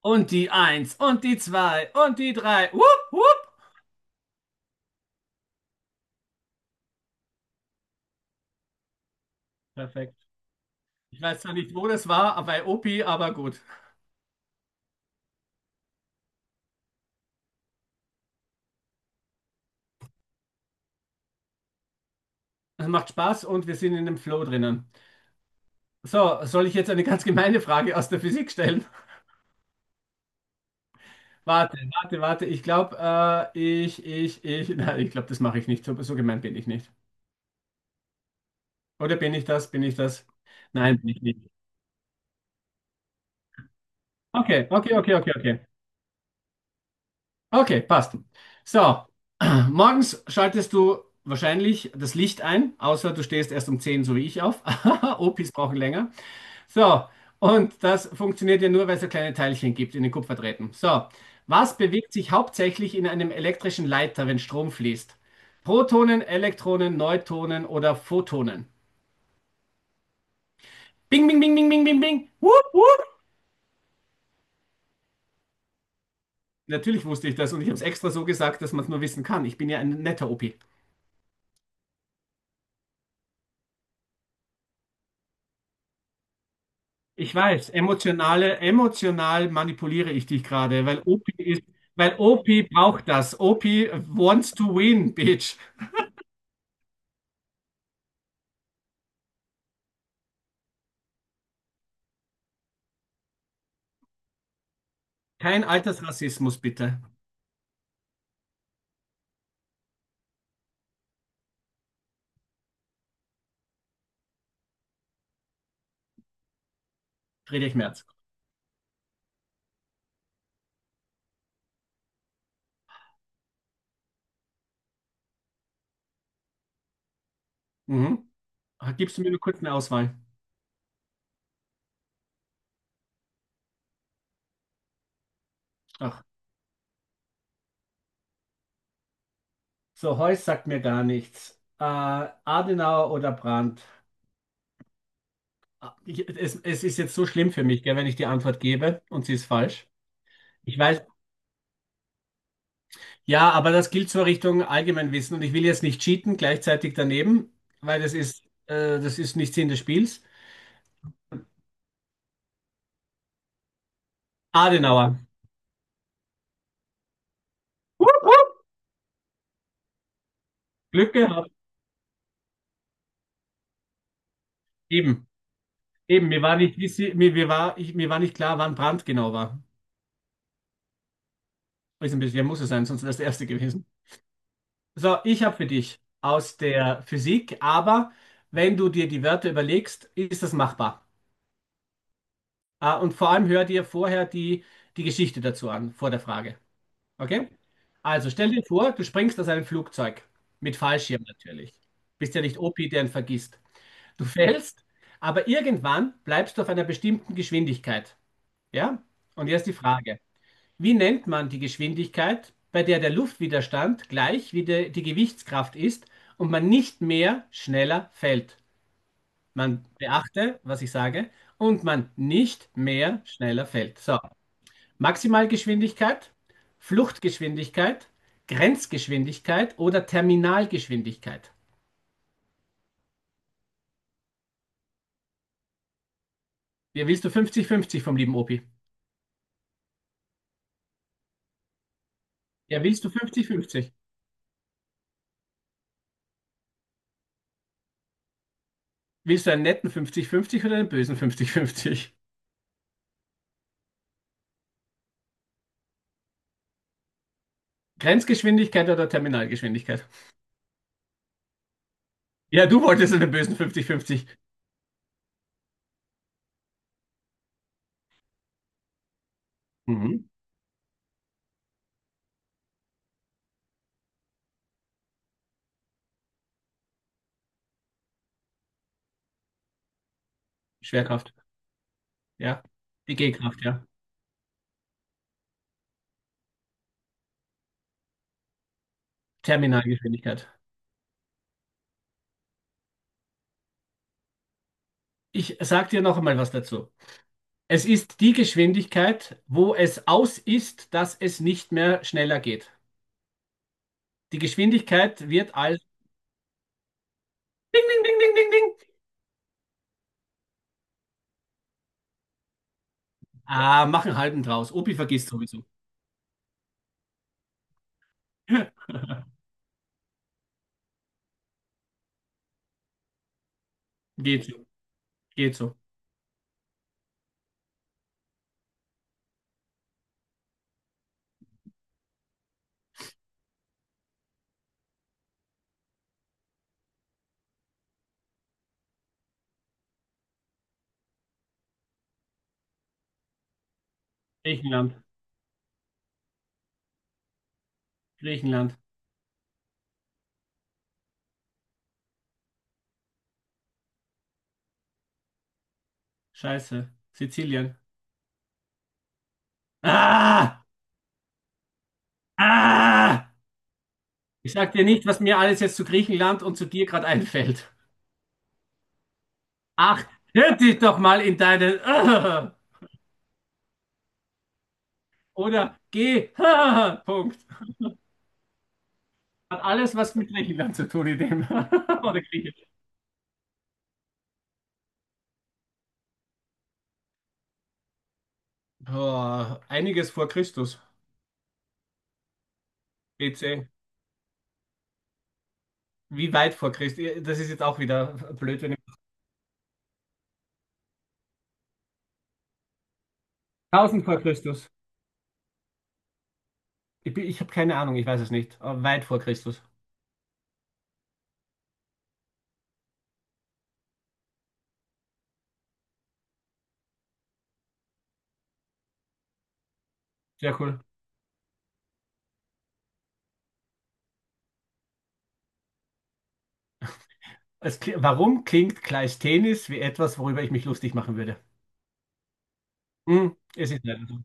Und die eins und die zwei und die drei. Wupp, wupp. Perfekt. Ich weiß zwar nicht, wo das war, bei Opi, aber gut. Es macht Spaß und wir sind in dem Flow drinnen. So, soll ich jetzt eine ganz gemeine Frage aus der Physik stellen? Warte, warte, warte. Ich glaube, äh, ich, ich, ich. Nein, ich glaube, das mache ich nicht. So, so gemein bin ich nicht. Oder bin ich das? Bin ich das? Nein, bin ich nicht. Okay, okay, okay, okay, okay. Okay, passt. So, morgens schaltest du wahrscheinlich das Licht ein, außer du stehst erst um 10, so wie ich, auf. Opis brauchen länger. So, und das funktioniert ja nur, weil es so kleine Teilchen gibt in den Kupferdrähten. So, was bewegt sich hauptsächlich in einem elektrischen Leiter, wenn Strom fließt? Protonen, Elektronen, Neutronen oder Photonen? Bing, bing, bing, bing, bing, bing, bing. Wupp, wupp. Natürlich wusste ich das und ich habe es extra so gesagt, dass man es nur wissen kann. Ich bin ja ein netter OP. Ich weiß, emotional manipuliere ich dich gerade, weil OP ist, weil OP braucht das. OP wants to win, bitch. Kein Altersrassismus, bitte. Friedrich Merz. Mhm. Ach, gibst du mir nur kurz eine Auswahl? Ach, so, Heuss sagt mir gar nichts. Adenauer oder Brandt? Ah, es ist jetzt so schlimm für mich, gell, wenn ich die Antwort gebe und sie ist falsch. Ich weiß, ja, aber das gilt so Richtung Allgemeinwissen und ich will jetzt nicht cheaten, gleichzeitig daneben, weil das ist nicht Sinn des Spiels. Adenauer. Glück gehabt. Eben. Eben, mir war nicht klar, wann Brandt genau war. Ist ein bisschen, ja, muss es sein, sonst wäre es der Erste gewesen. So, ich habe für dich aus der Physik, aber wenn du dir die Wörter überlegst, ist das machbar. Ah, und vor allem hör dir vorher die Geschichte dazu an, vor der Frage. Okay? Also stell dir vor, du springst aus einem Flugzeug. Mit Fallschirm natürlich. Bist ja nicht OP, der ihn vergisst. Du fällst, aber irgendwann bleibst du auf einer bestimmten Geschwindigkeit. Ja? Und jetzt die Frage: Wie nennt man die Geschwindigkeit, bei der der Luftwiderstand gleich wie die Gewichtskraft ist und man nicht mehr schneller fällt? Man beachte, was ich sage, und man nicht mehr schneller fällt. So, Maximalgeschwindigkeit, Fluchtgeschwindigkeit, Grenzgeschwindigkeit oder Terminalgeschwindigkeit? Ja, willst du 50-50 vom lieben Opi? Ja, willst du fünfzig fünfzig? Willst du einen netten 50-50 oder einen bösen 50-50? Grenzgeschwindigkeit oder Terminalgeschwindigkeit? Ja, du wolltest einen bösen 50-50. Mhm. Schwerkraft, ja. Die G-Kraft, ja. Terminalgeschwindigkeit. Ich sag dir noch einmal was dazu. Es ist die Geschwindigkeit, wo es aus ist, dass es nicht mehr schneller geht. Die Geschwindigkeit wird als Ding, ding, ding, ding, ding, ding. Ah, mach einen halben draus. Opi vergisst sowieso. Geht so. Geht so. Griechenland. Griechenland. Scheiße. Sizilien. Ah! Ah! Ich sag dir nicht, was mir alles jetzt zu Griechenland und zu dir gerade einfällt. Ach, hör dich doch mal in deinen. Ah! Oder geh. Ah! Punkt. Hat alles was mit Griechenland zu tun, in dem. Oder Griechenland. Oh, einiges vor Christus. BC. Wie weit vor Christus? Das ist jetzt auch wieder blöd, wenn ich. 1000 vor Christus. Ich habe keine Ahnung, ich weiß es nicht. Aber weit vor Christus. Sehr cool. Warum klingt Kleisthenes wie etwas, worüber ich mich lustig machen würde? Hm, es ist leider so.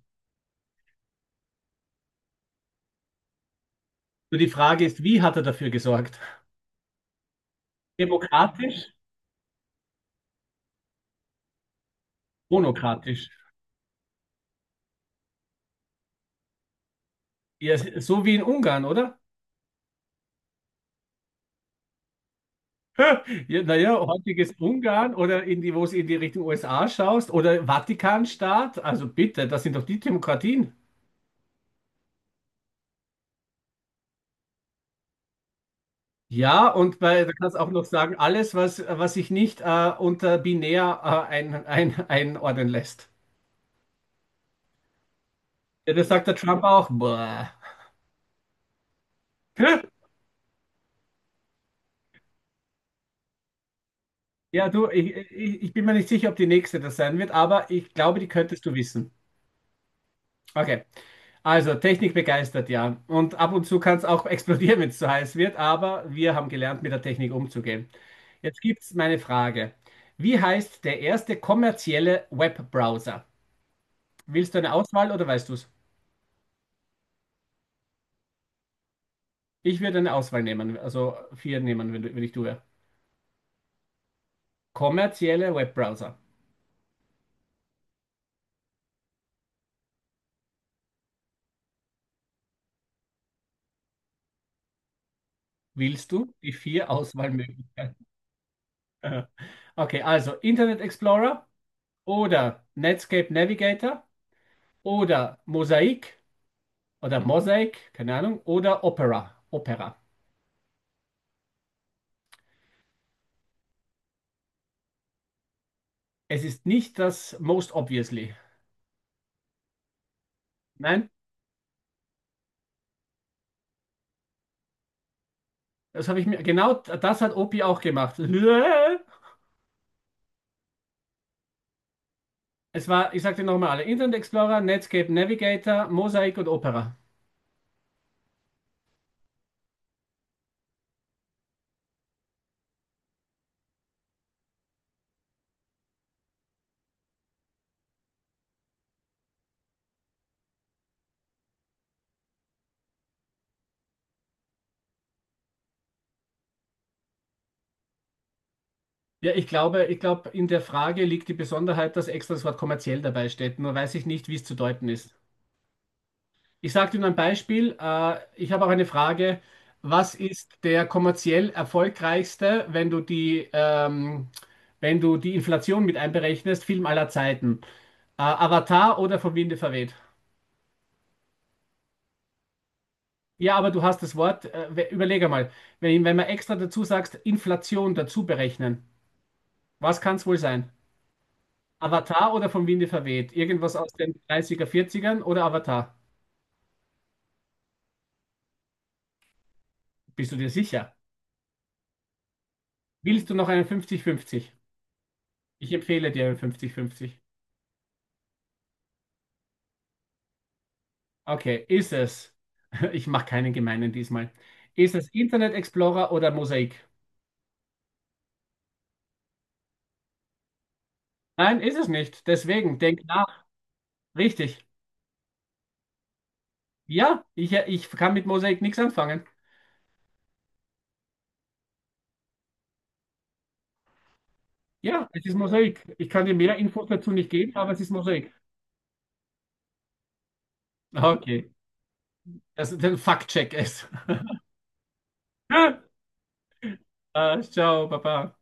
Nur die Frage ist, wie hat er dafür gesorgt? Demokratisch? Monokratisch? Ja, so wie in Ungarn, oder? Ja, naja, heutiges Ungarn oder in die, wo es in die Richtung USA schaust oder Vatikanstaat. Also bitte, das sind doch die Demokratien. Ja, und bei, du kannst du auch noch sagen, alles, was sich nicht unter binär einordnen lässt. Ja, das sagt der Trump auch. Boah. Ja, du, ich bin mir nicht sicher, ob die nächste das sein wird, aber ich glaube, die könntest du wissen. Okay. Also, Technik begeistert, ja. Und ab und zu kann es auch explodieren, wenn es zu heiß wird, aber wir haben gelernt, mit der Technik umzugehen. Jetzt gibt's meine Frage. Wie heißt der erste kommerzielle Webbrowser? Willst du eine Auswahl oder weißt du es? Ich würde eine Auswahl nehmen, also vier nehmen, wenn, wenn ich du wäre. Kommerzielle Webbrowser. Willst du die vier Auswahlmöglichkeiten? Okay, also Internet Explorer oder Netscape Navigator oder Mosaic, keine Ahnung, oder Opera. Opera. Es ist nicht das Most Obviously. Nein, das habe ich mir, genau das hat Opi auch gemacht. Es war, ich sagte nochmal alle, Internet Explorer, Netscape Navigator, Mosaic und Opera. Ja, ich glaube, in der Frage liegt die Besonderheit, dass extra das Wort kommerziell dabei steht. Nur weiß ich nicht, wie es zu deuten ist. Ich sage dir nur ein Beispiel. Ich habe auch eine Frage. Was ist der kommerziell erfolgreichste, wenn du die Inflation mit einberechnest, Film aller Zeiten? Avatar oder vom Winde verweht? Ja, aber du hast das Wort. Überleg einmal, wenn man extra dazu sagst, Inflation dazu berechnen, was kann es wohl sein? Avatar oder vom Winde verweht? Irgendwas aus den dreißiger er oder Avatar? Bist du dir sicher? Willst du noch einen 50-50? Ich empfehle dir einen 50-50. Okay, ist es? Ich mache keinen gemeinen diesmal. Ist es Internet Explorer oder Mosaik? Nein, ist es nicht. Deswegen, denk nach. Richtig. Ja, ich kann mit Mosaik nichts anfangen. Ja, es ist Mosaik. Ich kann dir mehr Infos dazu nicht geben, aber es ist Mosaik. Okay, das ist ein Fact-Check ist. Ciao, Papa.